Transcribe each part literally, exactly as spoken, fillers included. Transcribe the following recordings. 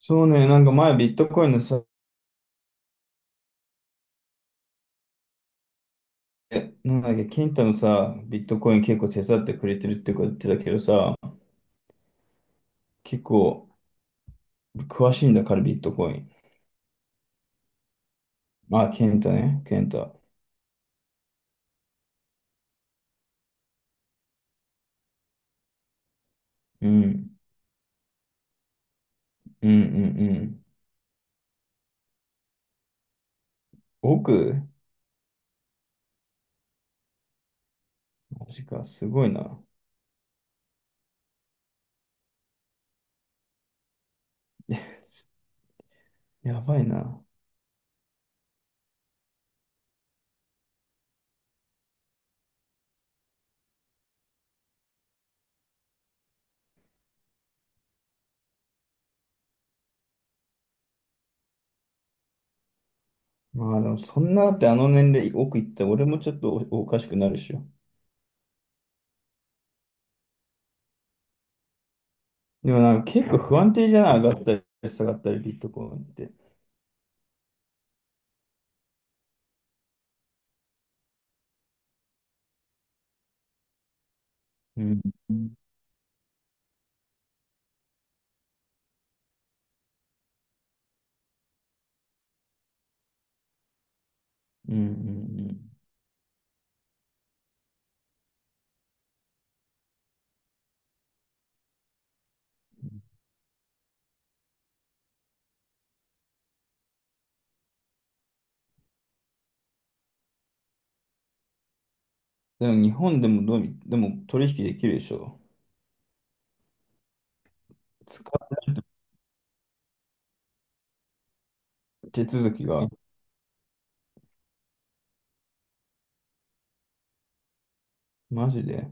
そうね、なんか前ビットコインのさ、なんだっけ、ケンタのさ、ビットコイン結構手伝ってくれてるってこと言ってたけどさ、結構詳しいんだからビットコイン。まあ、ケンタね、ケンタ。うん、うん、うん、うん。億。マジか、すごいな。やばいな。まあでもそんなだってあの年齢億いったら俺もちょっとお、おかしくなるでしょ。でもなんか結構不安定じゃない？上がったり下がったりビットコインって。うん、うん、うん、うん。でも日本でもどうみでも取引できるでしょ。使う手続きが、マジで。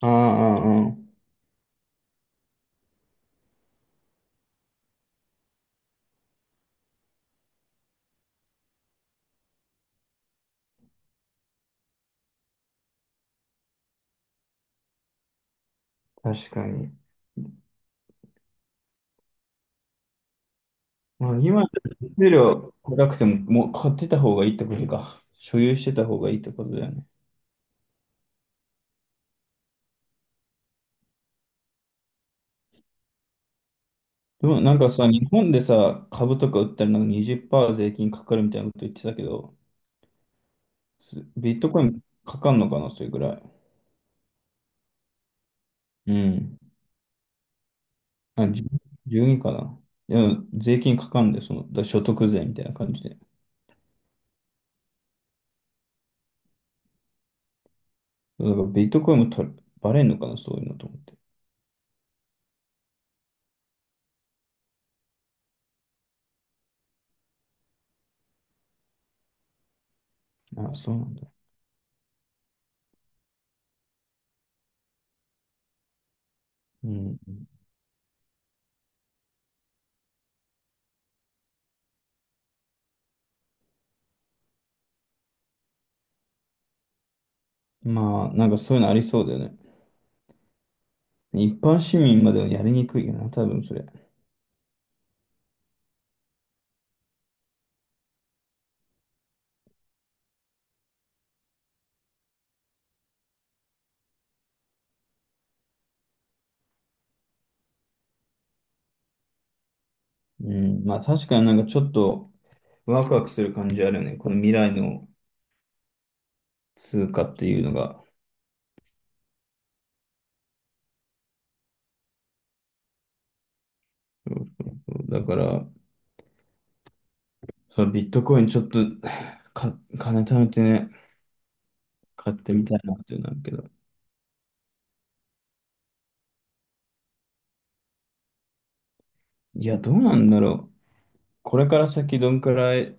ああ、ああ、ああ、確かに。まあ、今、手料高くても、もう買ってた方がいいってことか。所有してた方がいいってことだよね。でもなんかさ、日本でさ、株とか売ったらなんかにじゅうパーセント税金かかるみたいなこと言ってたけど、すビットコインかかんのかな、それぐらい。うん。あ、じゅう じゅうにかな。いや、税金かかんで、その、だ所得税みたいな感じで。なんかビットコインもとバレんのかな、そういうのと思って。あ、そうなんだ。うん。まあ、なんかそういうのありそうだよね。一般市民まではやりにくいよな、多分それ。うん。まあ確かになんかちょっとワクワクする感じあるよね。この未来の通貨っていうのが。そうそうそうだから、そのビットコインちょっとか、金貯めてね、買ってみたいなってなるけど。いや、どうなんだろう。これから先どんくらい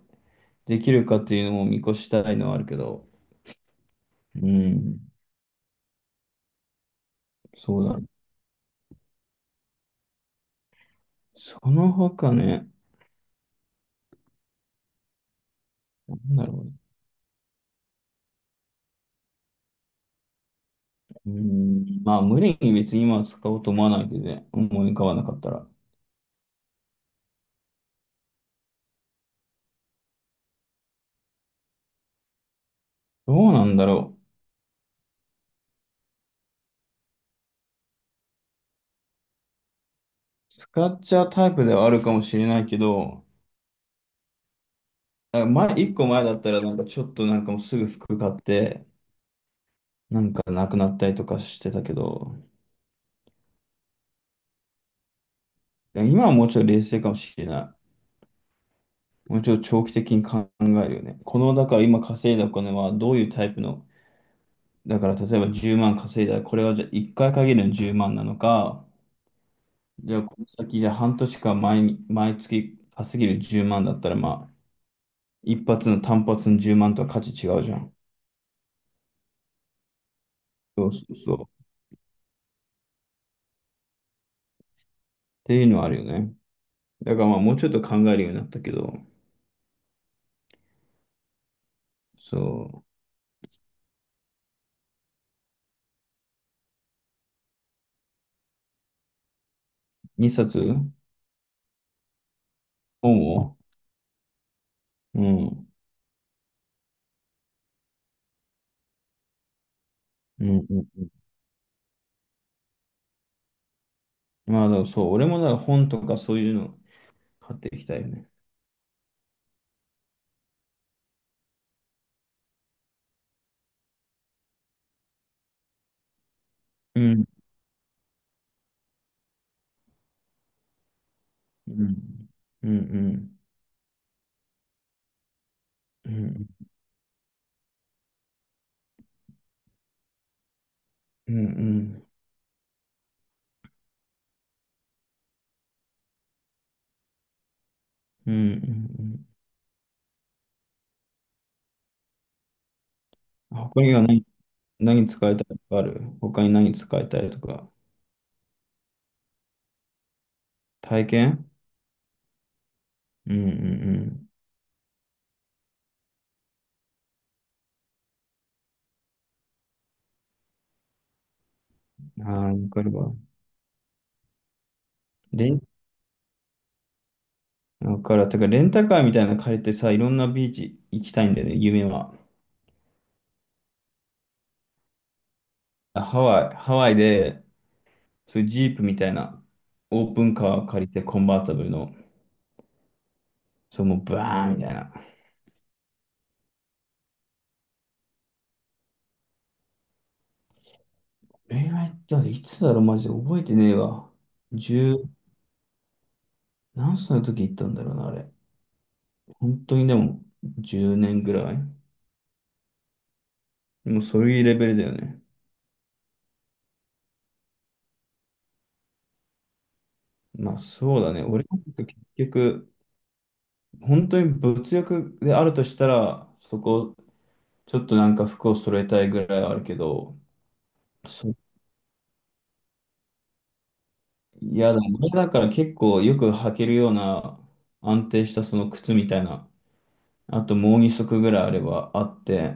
できるかっていうのも見越したいのはあるけど。うん。そうだね。その他ね、なんだろうね、うーん、まあ、無理に別に今は使おうと思わないけどね、思い浮かばなかったら。どうなんだろう。使っちゃうタイプではあるかもしれないけど、あ、前、一個前だったら、なんかちょっとなんかもうすぐ服買って、なんかなくなったりとかしてたけど、今はもうちょい冷静かもしれない。もうちょい長期的に考えるよね。この、だから今稼いだお金はどういうタイプの、だから例えばじゅうまん稼いだら、これはじゃあいっかい限りのじゅうまんなのか、じゃあ、この先、じゃあ半年間毎、毎月稼げるじゅうまんだったら、まあ、一発の単発のじゅうまんとは価値違うじゃん。そうそうそう。っていうのはあるよね。だからまあ、もうちょっと考えるようになったけど、そう、にさつ本を、うん、うん、うん。うん。まあ、でもそう、俺もだから本とかそういうの買っていきたいよね。うん、うん、うん、うん、うん、うん、うん、うん。うん。他には何、何、使いたいとかある？他に何使いたいとか。体験。うん、うん、うん。ああ、わかるわ。レン、わかるわ。てか、レンタカーみたいなの借りてさ、いろんなビーチ行きたいんだよね、夢は。あ、ハワイ、ハワイで、そういうジープみたいな、オープンカーを借りて、コンバータブルの、そう、もうバーンみたいな。恋愛っていつだろう、マジで覚えてねえわ。十、何歳の時行ったんだろうな、あれ。本当にでも、じゅうねんぐらい。でもそういうレベルだよね。まあそうだね。俺の時結局、本当に物欲であるとしたら、そこ、ちょっとなんか服を揃えたいぐらいはあるけど、そ、嫌だ。だから結構よく履けるような安定したその靴みたいな、あともうに足ぐらいあればあって、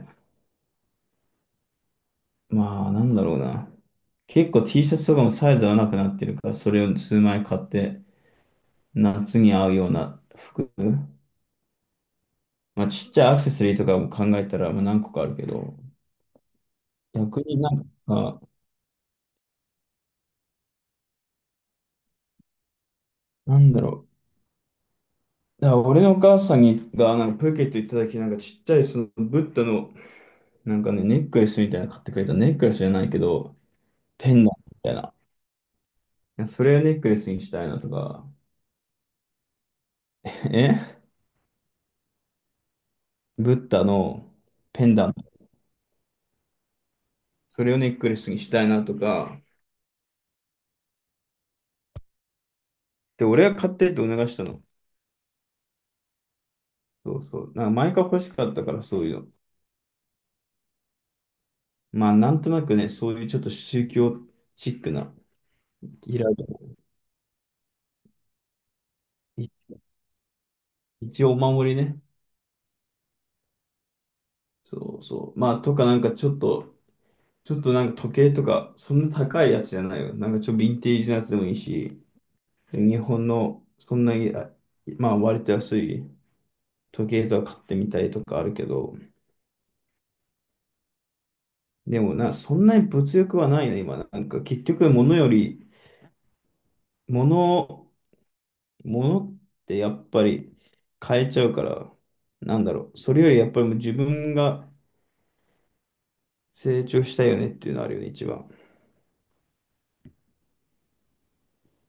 まあなんだろうな。結構 T シャツとかもサイズ合わなくなってるから、それを数枚買って、夏に合うような服。まあちっちゃいアクセサリーとかも考えたら、まあ何個かあるけど、逆になんか、なんだろう。だから俺のお母さんにがなんかプーケット行った時なんかちっちゃいそのブッダのなんかねネックレスみたいなの買ってくれた、ネックレスじゃないけどペンダントみたいな。いや、それをネックレスにしたいなとか、えブッダのペンダント、それをネックレスにしたいなとか、で、俺が買ってって促したの。そうそう。なんか前から欲しかったからそういうの。まあなんとなくね、そういうちょっと宗教チックな、イラい一応お守りね。そうそう。まあとかなんかちょっとちょっとなんか時計とか、そんな高いやつじゃないよ。なんかちょっとヴィンテージのやつでもいいし、日本のそんなに、あまあ割と安い時計とか買ってみたいとかあるけど、でもな、そんなに物欲はないね、今。なんか結局物より、物、物ってやっぱり変えちゃうから、なんだろう。それよりやっぱりもう自分が成長したいよねっていうのあるよね、一番。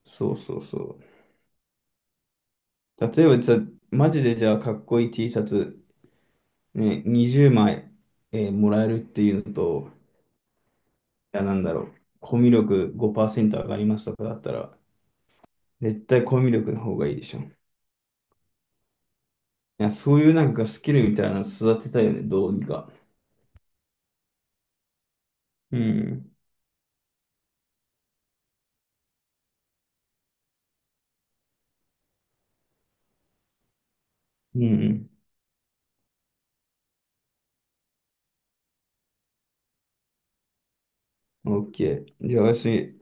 そうそうそう。例えばじゃあマジでじゃあかっこいい T シャツね、にじゅうまい、えーもらえるっていうのと、いや、なんだろう、コミュ力ごパーセント上がりますとかだったら、絶対コミュ力の方がいいでしょ。いや、そういうなんかスキルみたいなの育てたいよね、どうにか。うん。うん。OK。じゃあ、私、